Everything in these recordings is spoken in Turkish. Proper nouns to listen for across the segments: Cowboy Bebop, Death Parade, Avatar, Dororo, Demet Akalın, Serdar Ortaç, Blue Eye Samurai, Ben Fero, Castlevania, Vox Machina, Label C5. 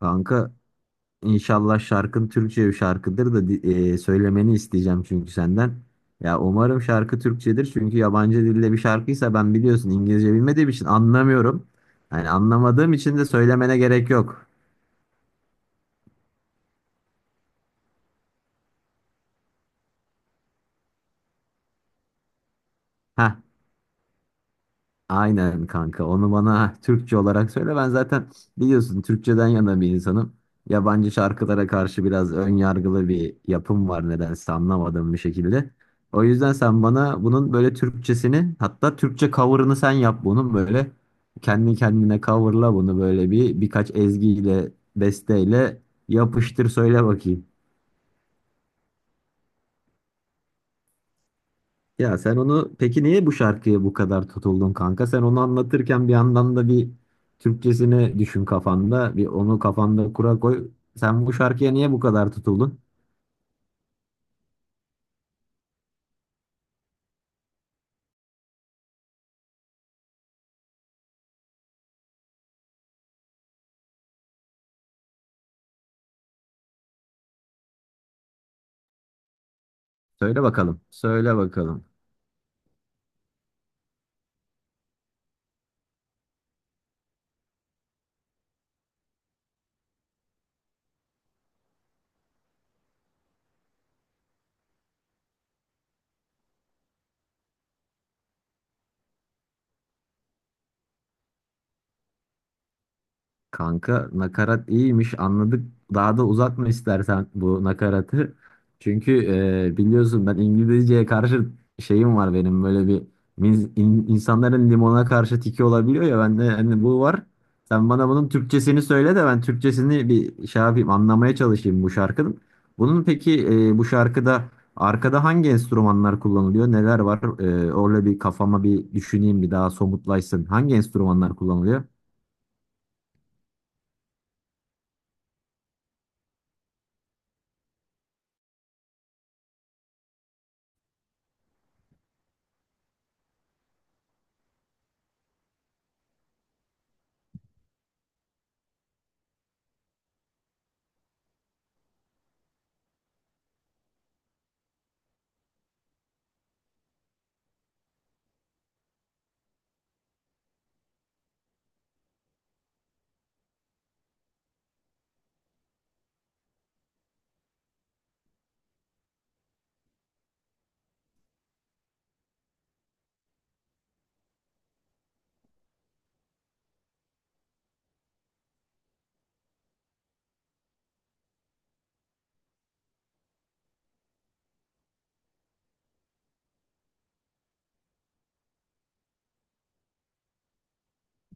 Kanka, inşallah şarkın Türkçe bir şarkıdır da söylemeni isteyeceğim çünkü senden. Ya umarım şarkı Türkçedir, çünkü yabancı dilde bir şarkıysa ben biliyorsun İngilizce bilmediğim için anlamıyorum. Yani anlamadığım için de söylemene gerek yok. Heh. Aynen kanka. Onu bana Türkçe olarak söyle. Ben zaten biliyorsun Türkçeden yana bir insanım. Yabancı şarkılara karşı biraz ön yargılı bir yapım var nedense, anlamadığım bir şekilde. O yüzden sen bana bunun böyle Türkçesini, hatta Türkçe cover'ını sen yap bunun, böyle kendi kendine coverla bunu, böyle bir birkaç ezgiyle, besteyle yapıştır söyle bakayım. Ya sen onu peki niye bu şarkıya bu kadar tutuldun kanka? Sen onu anlatırken bir yandan da bir Türkçesini düşün kafanda. Bir onu kafanda kura koy. Sen bu şarkıya niye bu kadar tutuldun? Söyle bakalım. Söyle bakalım. Kanka, nakarat iyiymiş, anladık. Daha da uzatma istersen bu nakaratı. Çünkü biliyorsun ben İngilizceye karşı şeyim var benim, böyle bir insanların limona karşı tiki olabiliyor ya, bende hani bu var. Sen bana bunun Türkçesini söyle de ben Türkçesini bir şey yapayım, anlamaya çalışayım bu şarkının. Bunun peki bu şarkıda arkada hangi enstrümanlar kullanılıyor? Neler var? Orada bir kafama bir düşüneyim, bir daha somutlaşsın. Hangi enstrümanlar kullanılıyor?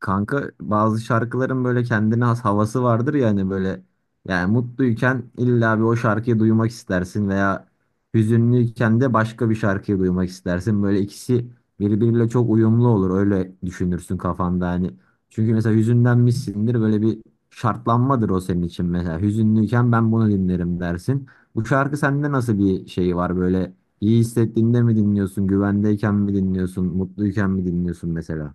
Kanka, bazı şarkıların böyle kendine has havası vardır ya, hani böyle yani mutluyken illa bir o şarkıyı duymak istersin, veya hüzünlüyken de başka bir şarkıyı duymak istersin. Böyle ikisi birbiriyle çok uyumlu olur, öyle düşünürsün kafanda hani. Çünkü mesela hüzünlenmişsindir, böyle bir şartlanmadır o senin için mesela. Hüzünlüyken ben bunu dinlerim dersin. Bu şarkı sende nasıl bir şey var, böyle iyi hissettiğinde mi dinliyorsun, güvendeyken mi dinliyorsun, mutluyken mi dinliyorsun mesela?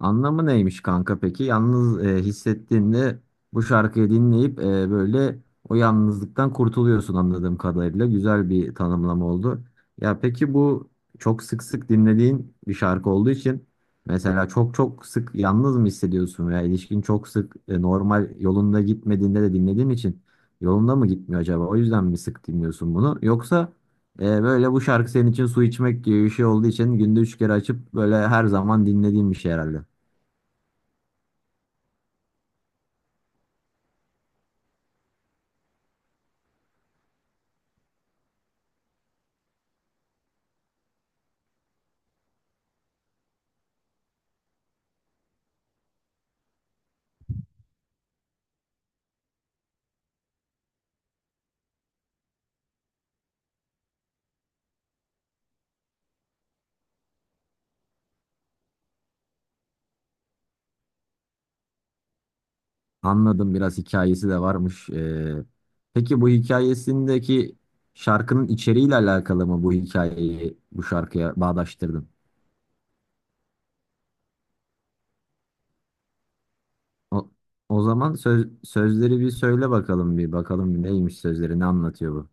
Anlamı neymiş kanka peki? Yalnız hissettiğinde bu şarkıyı dinleyip böyle o yalnızlıktan kurtuluyorsun anladığım kadarıyla. Güzel bir tanımlama oldu. Ya peki bu çok sık sık dinlediğin bir şarkı olduğu için mesela çok çok sık yalnız mı hissediyorsun, veya ilişkin çok sık normal yolunda gitmediğinde de dinlediğin için yolunda mı gitmiyor acaba? O yüzden mi sık dinliyorsun bunu? Yoksa böyle bu şarkı senin için su içmek gibi bir şey olduğu için günde üç kere açıp böyle her zaman dinlediğim bir şey herhalde. Anladım, biraz hikayesi de varmış. Peki bu hikayesindeki şarkının içeriğiyle alakalı mı, bu hikayeyi bu şarkıya bağdaştırdın? O, o zaman sözleri bir söyle bakalım, bir bakalım bir neymiş sözleri, ne anlatıyor bu?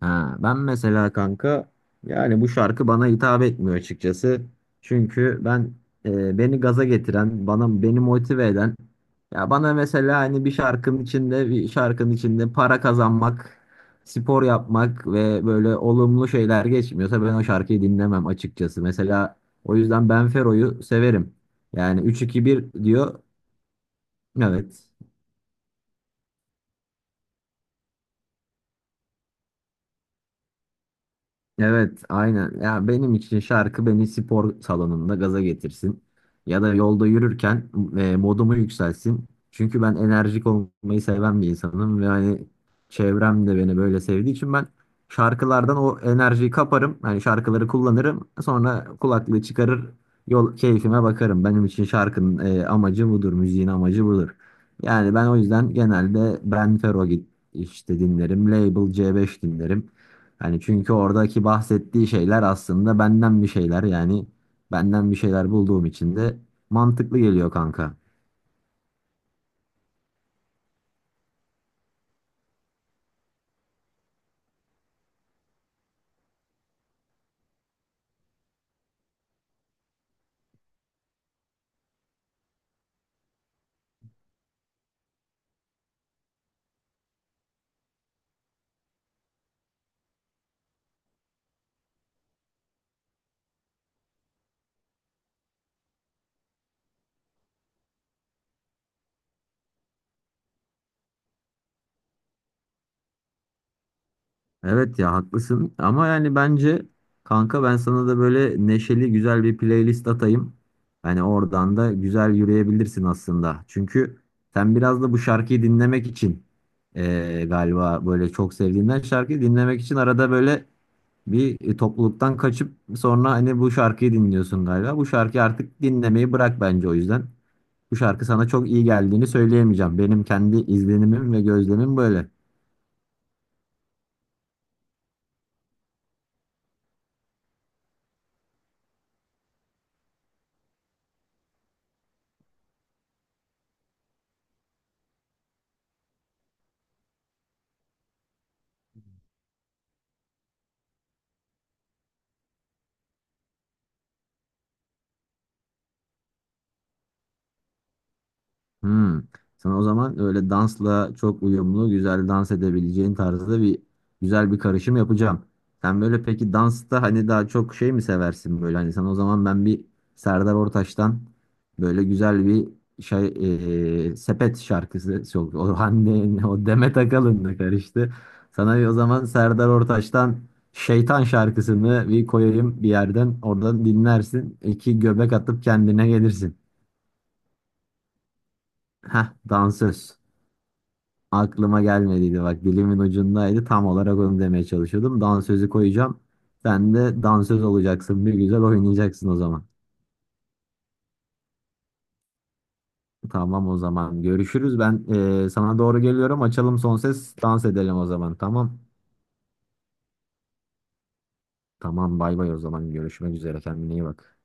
Ha, ben mesela kanka, yani bu şarkı bana hitap etmiyor açıkçası. Çünkü ben beni gaza getiren, bana beni motive eden, ya bana mesela hani bir şarkının içinde para kazanmak, spor yapmak ve böyle olumlu şeyler geçmiyorsa ben o şarkıyı dinlemem açıkçası. Mesela o yüzden Ben Fero'yu severim. Yani üç iki bir diyor. Evet. Evet, aynen. Ya benim için şarkı beni spor salonunda gaza getirsin. Ya da yolda yürürken modumu yükselsin. Çünkü ben enerjik olmayı seven bir insanım ve hani çevrem de beni böyle sevdiği için ben şarkılardan o enerjiyi kaparım. Hani şarkıları kullanırım. Sonra kulaklığı çıkarır, yol keyfime bakarım. Benim için şarkının amacı budur, müziğin amacı budur. Yani ben o yüzden genelde Ben Fero git işte dinlerim, Label C5 dinlerim. Yani çünkü oradaki bahsettiği şeyler aslında benden bir şeyler bulduğum için de mantıklı geliyor kanka. Evet ya, haklısın, ama yani bence kanka ben sana da böyle neşeli güzel bir playlist atayım. Hani oradan da güzel yürüyebilirsin aslında. Çünkü sen biraz da bu şarkıyı dinlemek için galiba böyle çok sevdiğinden şarkıyı dinlemek için arada böyle bir topluluktan kaçıp sonra hani bu şarkıyı dinliyorsun galiba. Bu şarkıyı artık dinlemeyi bırak bence, o yüzden. Bu şarkı sana çok iyi geldiğini söyleyemeyeceğim. Benim kendi izlenimim ve gözlemim böyle. Hmm. Sana o zaman öyle dansla çok uyumlu, güzel dans edebileceğin tarzda bir güzel bir karışım yapacağım. Sen böyle peki dansta hani daha çok şey mi seversin böyle? Hani sana o zaman ben bir Serdar Ortaç'tan böyle güzel bir şey sepet şarkısı çok o Hande o Demet Akalın'la karıştı. Sana bir o zaman Serdar Ortaç'tan Şeytan şarkısını bir koyayım bir yerden. Oradan dinlersin. İki göbek atıp kendine gelirsin. Heh, dansöz. Aklıma gelmediydi bak, dilimin ucundaydı, tam olarak onu demeye çalışıyordum. Dansözü koyacağım. Sen de dansöz olacaksın, bir güzel oynayacaksın o zaman. Tamam, o zaman görüşürüz. Ben sana doğru geliyorum. Açalım son ses, dans edelim o zaman. Tamam. Tamam, bay bay, o zaman görüşmek üzere, kendine iyi bak.